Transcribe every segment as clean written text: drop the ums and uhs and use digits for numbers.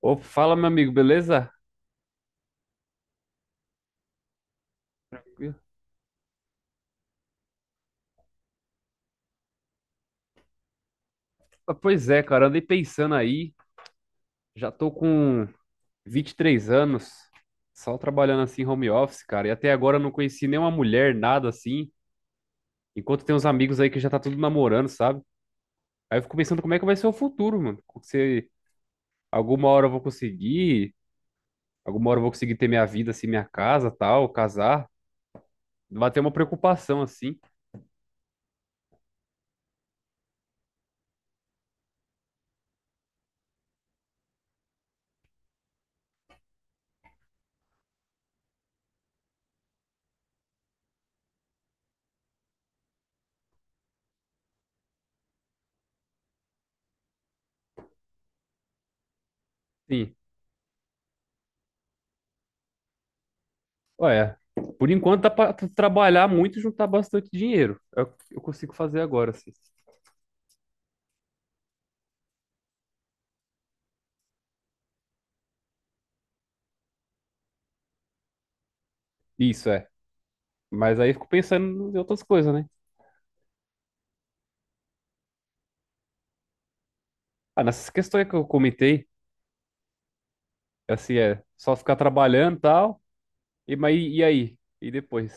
Ô, fala, meu amigo, beleza? Pois é, cara, andei pensando aí, já tô com 23 anos, só trabalhando assim home office, cara, e até agora eu não conheci nenhuma mulher, nada assim, enquanto tem uns amigos aí que já tá tudo namorando, sabe? Aí eu fico pensando como é que vai ser o futuro, mano. Se alguma hora eu vou conseguir, alguma hora eu vou conseguir ter minha vida, assim, minha casa, tal, casar, vai ter uma preocupação assim. Sim. Olha, por enquanto dá pra tu trabalhar muito e juntar bastante dinheiro. É o que eu consigo fazer agora, assim. Isso é. Mas aí eu fico pensando em outras coisas, né? Ah, nessas questões que eu comentei, assim, é só ficar trabalhando e tal. E, mas, e aí? E depois?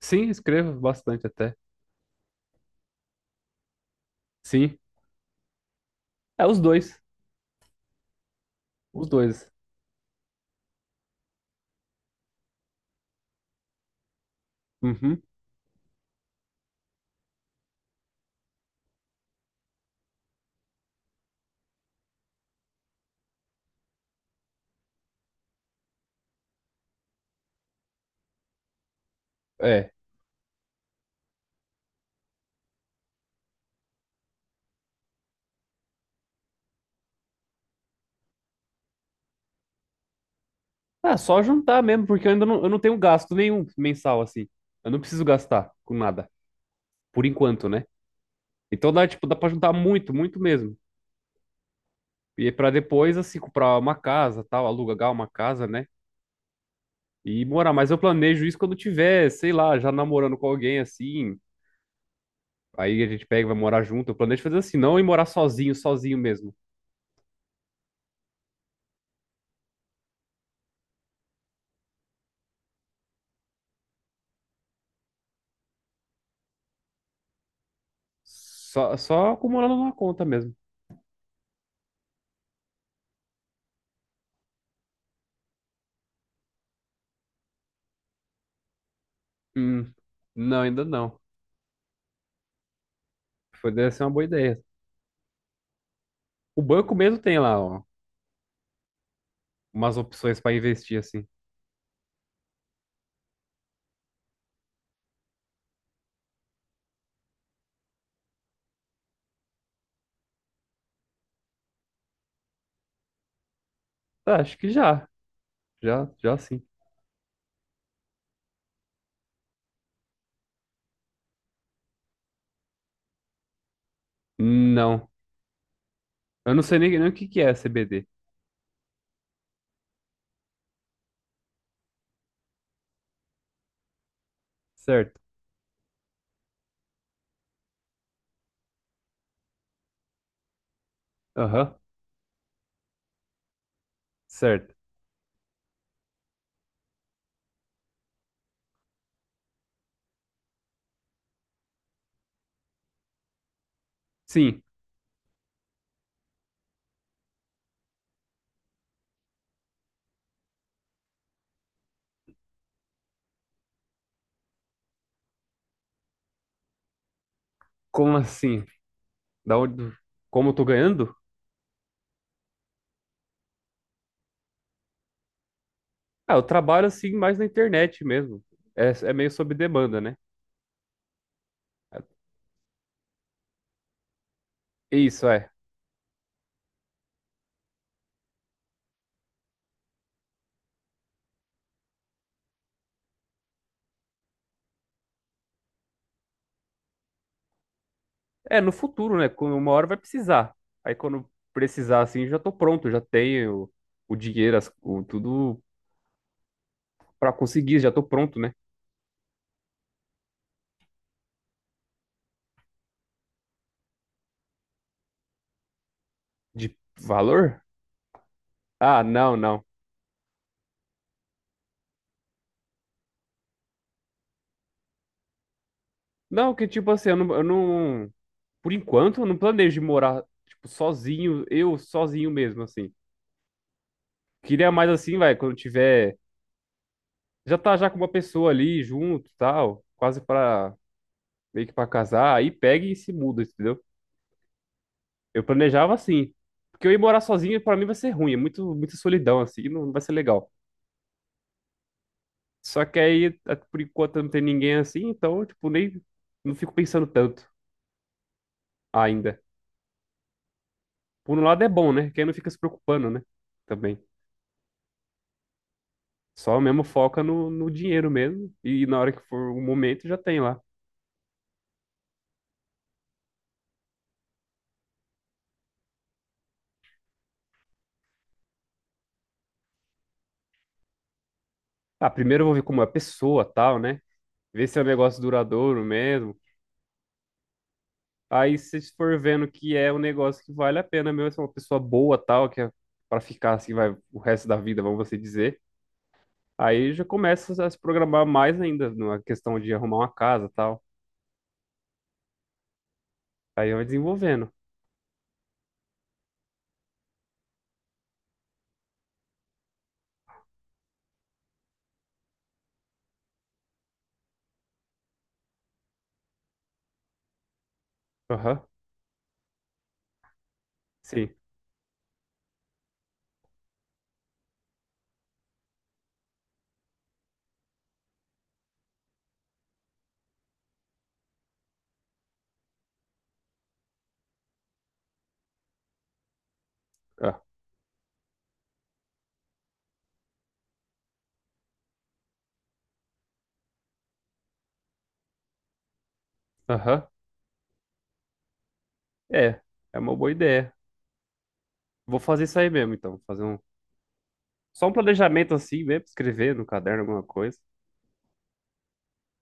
Sim, escrevo bastante até. Sim. É os dois. Os dois. Uhum. É. Ah, só juntar mesmo, porque eu não tenho gasto nenhum mensal, assim. Eu não preciso gastar com nada. Por enquanto, né? Então dá, tipo, dá pra juntar muito, muito mesmo. E para depois, assim, comprar uma casa, tal, alugar uma casa, né? E morar. Mas eu planejo isso quando tiver, sei lá, já namorando com alguém, assim. Aí a gente pega e vai morar junto. Eu planejo fazer assim, não ir morar sozinho, sozinho mesmo. Só acumulando uma conta mesmo. Hum, não, ainda não. Foi, deve ser uma boa ideia. O banco mesmo tem lá, ó, umas opções para investir, assim. Tá, acho que já. Já, já sim. Não. Eu não sei nem o que que é CBD. Certo. Aham. Certo. Sim. Como assim? Da onde, como eu tô ganhando? Ah, eu trabalho assim mais na internet mesmo. É meio sob demanda, né? Isso, é. É, no futuro, né? Quando Uma hora vai precisar. Aí quando precisar, assim, já tô pronto, já tenho o dinheiro, tudo pra conseguir, já tô pronto, né? De valor? Ah, não, não. Não, que tipo assim, eu não- por enquanto, eu não planejo morar, tipo, sozinho, eu sozinho mesmo, assim. Queria mais assim, vai, quando tiver já tá já com uma pessoa ali junto, tal, quase pra meio que pra casar, aí pega e se muda, entendeu? Eu planejava assim, porque eu ir morar sozinho pra mim vai ser ruim, é muito muita solidão assim, não vai ser legal. Só que aí por enquanto não tem ninguém assim, então tipo nem não fico pensando tanto ainda. Por um lado é bom, né? Que aí não fica se preocupando, né? Também. Só mesmo foca no dinheiro mesmo. E na hora que for o momento já tem lá. Ah, primeiro eu vou ver como é a pessoa, tal, né? Ver se é um negócio duradouro mesmo. Aí se for vendo que é um negócio que vale a pena mesmo, se é uma pessoa boa tal, que é para ficar assim vai o resto da vida, vamos assim dizer. Aí já começa a se programar mais ainda na questão de arrumar uma casa tal. Aí vai desenvolvendo. Aham, sim. Ah, aham, é. É uma boa ideia. Vou fazer isso aí mesmo, então. Fazer só um planejamento assim mesmo, escrever no caderno alguma coisa.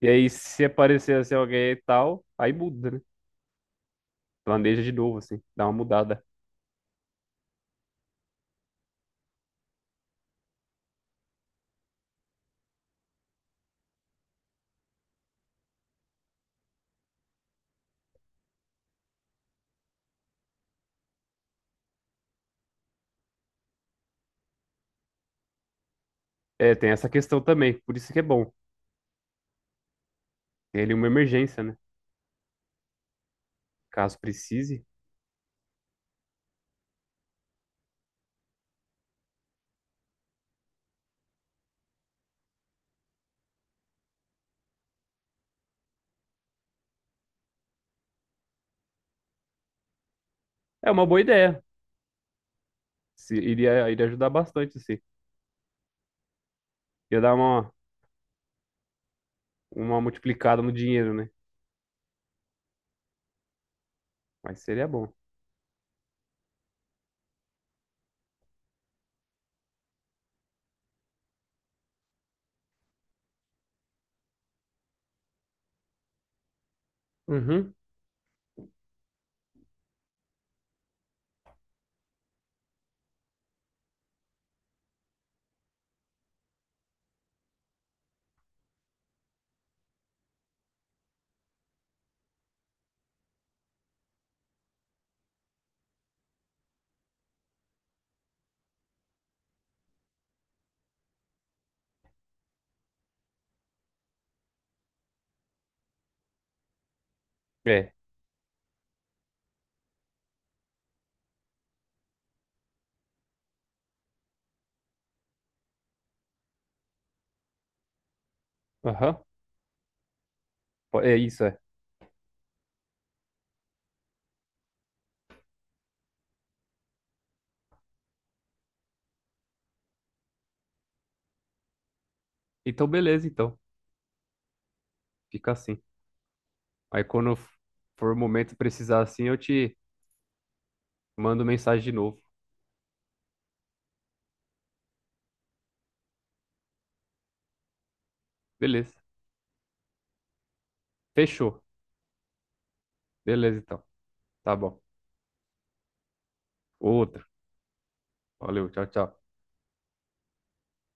E aí se aparecer assim alguém e tal, aí muda, né? Planeja de novo assim, dá uma mudada. É, tem essa questão também, por isso que é bom. Ele uma emergência, né? Caso precise. É uma boa ideia. Iria ajudar bastante, assim. Ia dar uma multiplicada no dinheiro, né? Mas seria bom. Uhum. É. Aham. É isso, é. Então, beleza, então. Fica assim. Aí quando for o momento de precisar assim, eu te mando mensagem de novo. Beleza. Fechou. Beleza, então. Tá bom. Outro. Valeu. Tchau, tchau.